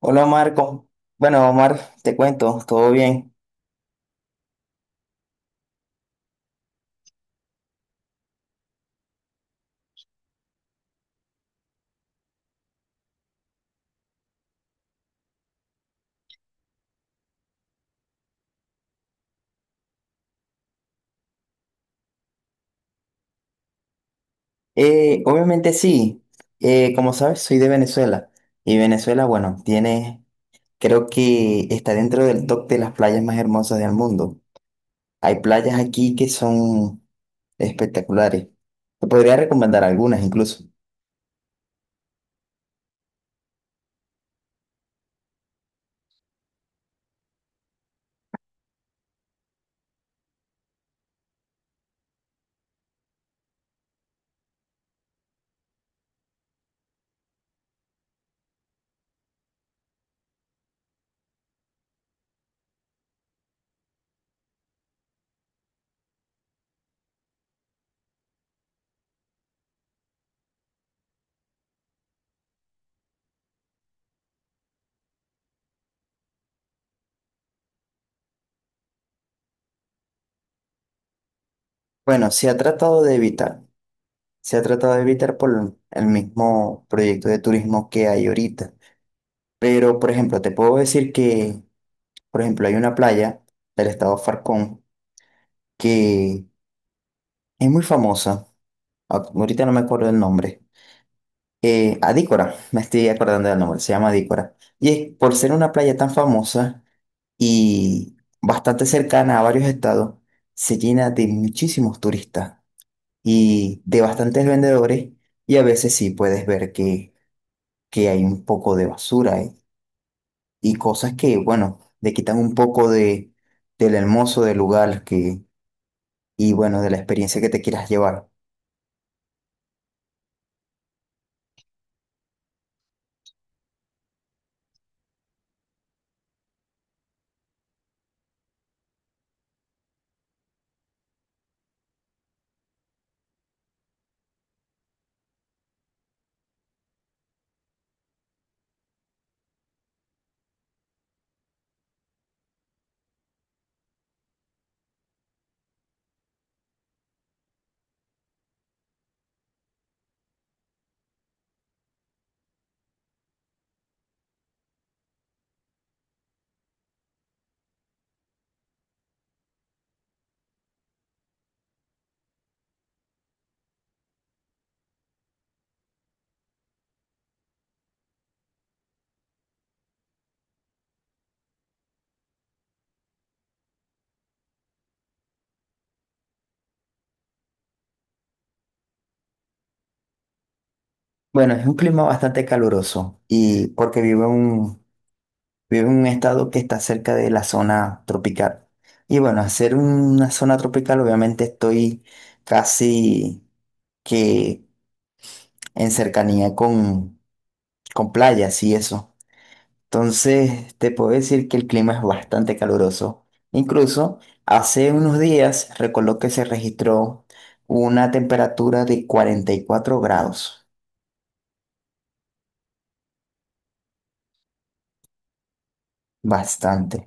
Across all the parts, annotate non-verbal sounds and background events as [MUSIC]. Hola Marco. Bueno, Omar, te cuento, ¿todo bien? Obviamente sí. Como sabes, soy de Venezuela. Y Venezuela, bueno, tiene, creo que está dentro del top de las playas más hermosas del mundo. Hay playas aquí que son espectaculares. Te podría recomendar algunas incluso. Bueno, se ha tratado de evitar. Se ha tratado de evitar por el mismo proyecto de turismo que hay ahorita. Pero, por ejemplo, te puedo decir que Por ejemplo, hay una playa del estado Falcón que es muy famosa. Ah, ahorita no me acuerdo el nombre. Adícora, [LAUGHS] me estoy acordando del nombre, se llama Adícora. Y es por ser una playa tan famosa y bastante cercana a varios estados, se llena de muchísimos turistas y de bastantes vendedores. Y a veces sí puedes ver que hay un poco de basura y cosas que, bueno, le quitan un poco de, del hermoso del lugar que y bueno, de la experiencia que te quieras llevar. Bueno, es un clima bastante caluroso y porque vivo en un estado que está cerca de la zona tropical. Y bueno, hacer una zona tropical, obviamente estoy casi que en cercanía con, con playas y eso. Entonces, te puedo decir que el clima es bastante caluroso. Incluso hace unos días, recuerdo que se registró una temperatura de 44 grados. Bastante.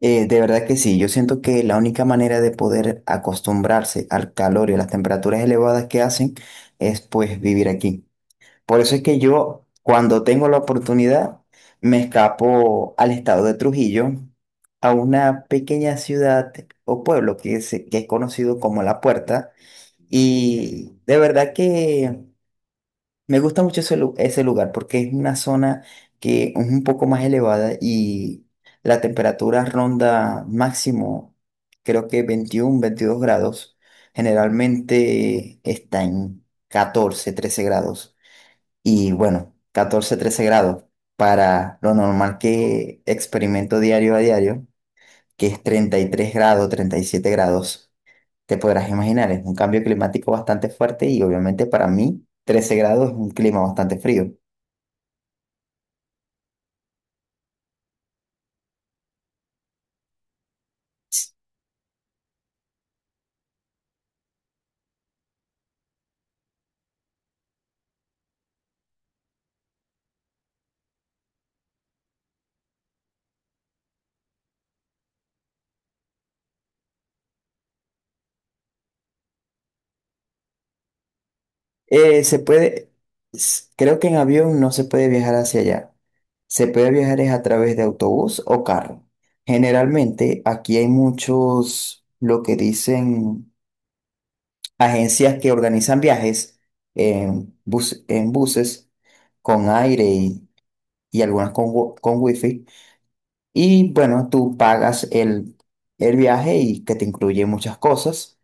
De verdad que sí, yo siento que la única manera de poder acostumbrarse al calor y a las temperaturas elevadas que hacen es pues vivir aquí. Por eso es que yo, cuando tengo la oportunidad, me escapo al estado de Trujillo, a una pequeña ciudad o pueblo que es conocido como La Puerta. Y de verdad que Me gusta mucho ese lugar porque es una zona que es un poco más elevada y la temperatura ronda máximo, creo que 21, 22 grados. Generalmente está en 14 13 grados. Y bueno, 14 13 grados para lo normal que experimento diario a diario, que es 33 grados, 37 grados. Te podrás imaginar, es un cambio climático bastante fuerte y obviamente para mí 13 grados es un clima bastante frío. Eh, se puede, creo que en avión no se puede viajar hacia allá. Se puede viajar es a través de autobús o carro. Generalmente aquí hay muchos, lo que dicen, agencias que organizan viajes en buses con aire y algunas con wifi. Y bueno, el viaje y que te incluye muchas cosas.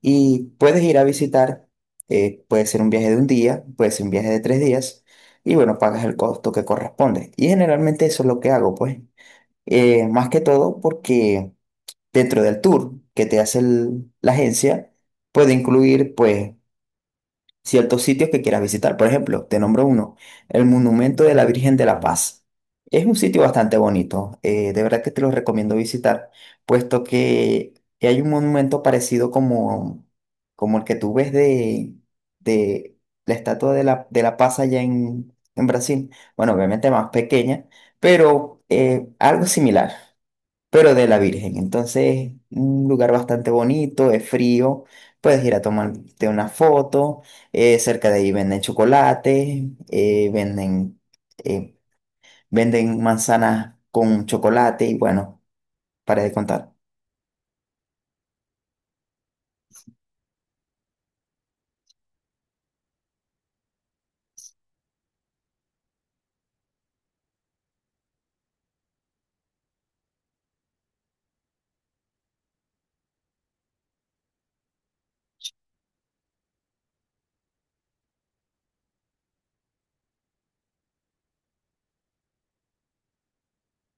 Y puedes ir a visitar, puede ser un viaje de un día, puede ser un viaje de tres días. Y bueno, pagas el costo que corresponde. Y generalmente eso es lo que hago, pues. Más que todo porque dentro del tour que te hace la agencia, puede incluir, pues, ciertos sitios que quieras visitar. Por ejemplo, te nombro uno, el Monumento de la Virgen de la Paz. Es un sitio bastante bonito, de verdad que te lo recomiendo visitar, puesto que hay un monumento parecido como el que tú ves de la Estatua de la Paz allá en Brasil. Bueno, obviamente más pequeña, pero algo similar pero de la Virgen. Entonces, un lugar bastante bonito, es frío, puedes ir a tomarte una foto, cerca de ahí venden chocolate, eh, venden manzanas con chocolate y bueno, para de contar.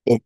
Eh,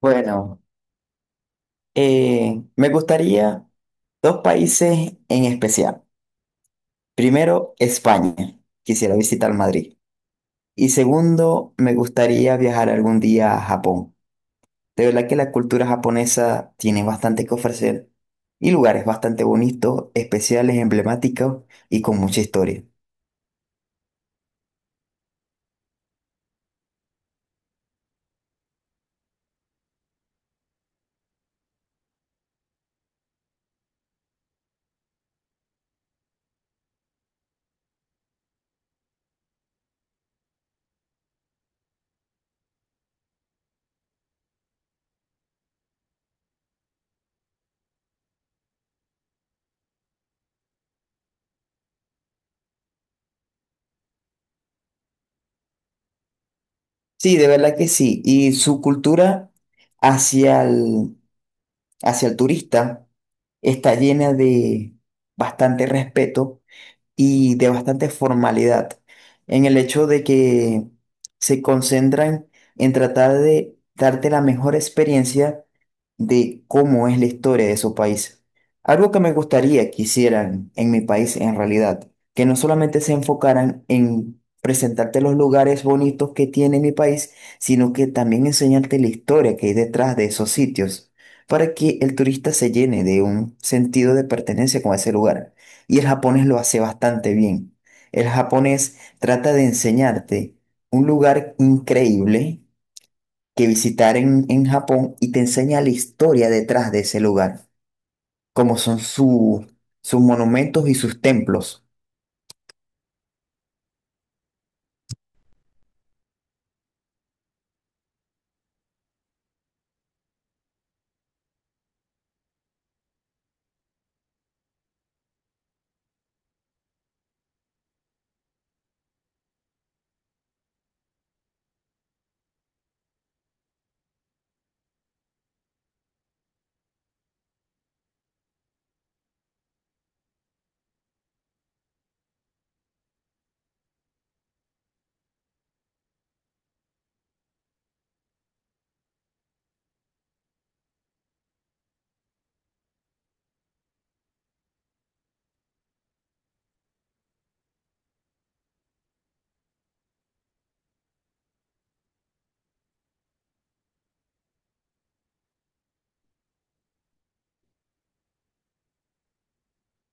bueno, me gustaría dos países en especial. Primero, España, quisiera visitar Madrid. Y segundo, me gustaría viajar algún día a Japón. De verdad que la cultura japonesa tiene bastante que ofrecer y lugares bastante bonitos, especiales, emblemáticos y con mucha historia. Sí, de verdad que sí. Y su cultura hacia el, hacia el turista está llena de bastante respeto y de bastante formalidad, en el hecho de que se concentran en tratar de darte la mejor experiencia de cómo es la historia de su país. Algo que me gustaría que hicieran en mi país en realidad, que no solamente se enfocaran en presentarte los lugares bonitos que tiene mi país, sino que también enseñarte la historia que hay detrás de esos sitios, para que el turista se llene de un sentido de pertenencia con ese lugar. Y el japonés lo hace bastante bien. El japonés trata de enseñarte un lugar increíble que visitar en Japón y te enseña la historia detrás de ese lugar, como son sus monumentos y sus templos.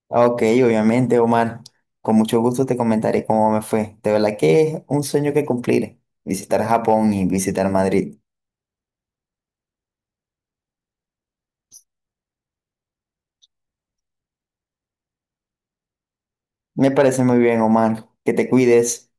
Ah, ok, obviamente, Omar, con mucho gusto te comentaré cómo me fue. De verdad que es un sueño que cumplir, visitar Japón y visitar Madrid. Me parece muy bien, Omar, que te cuides.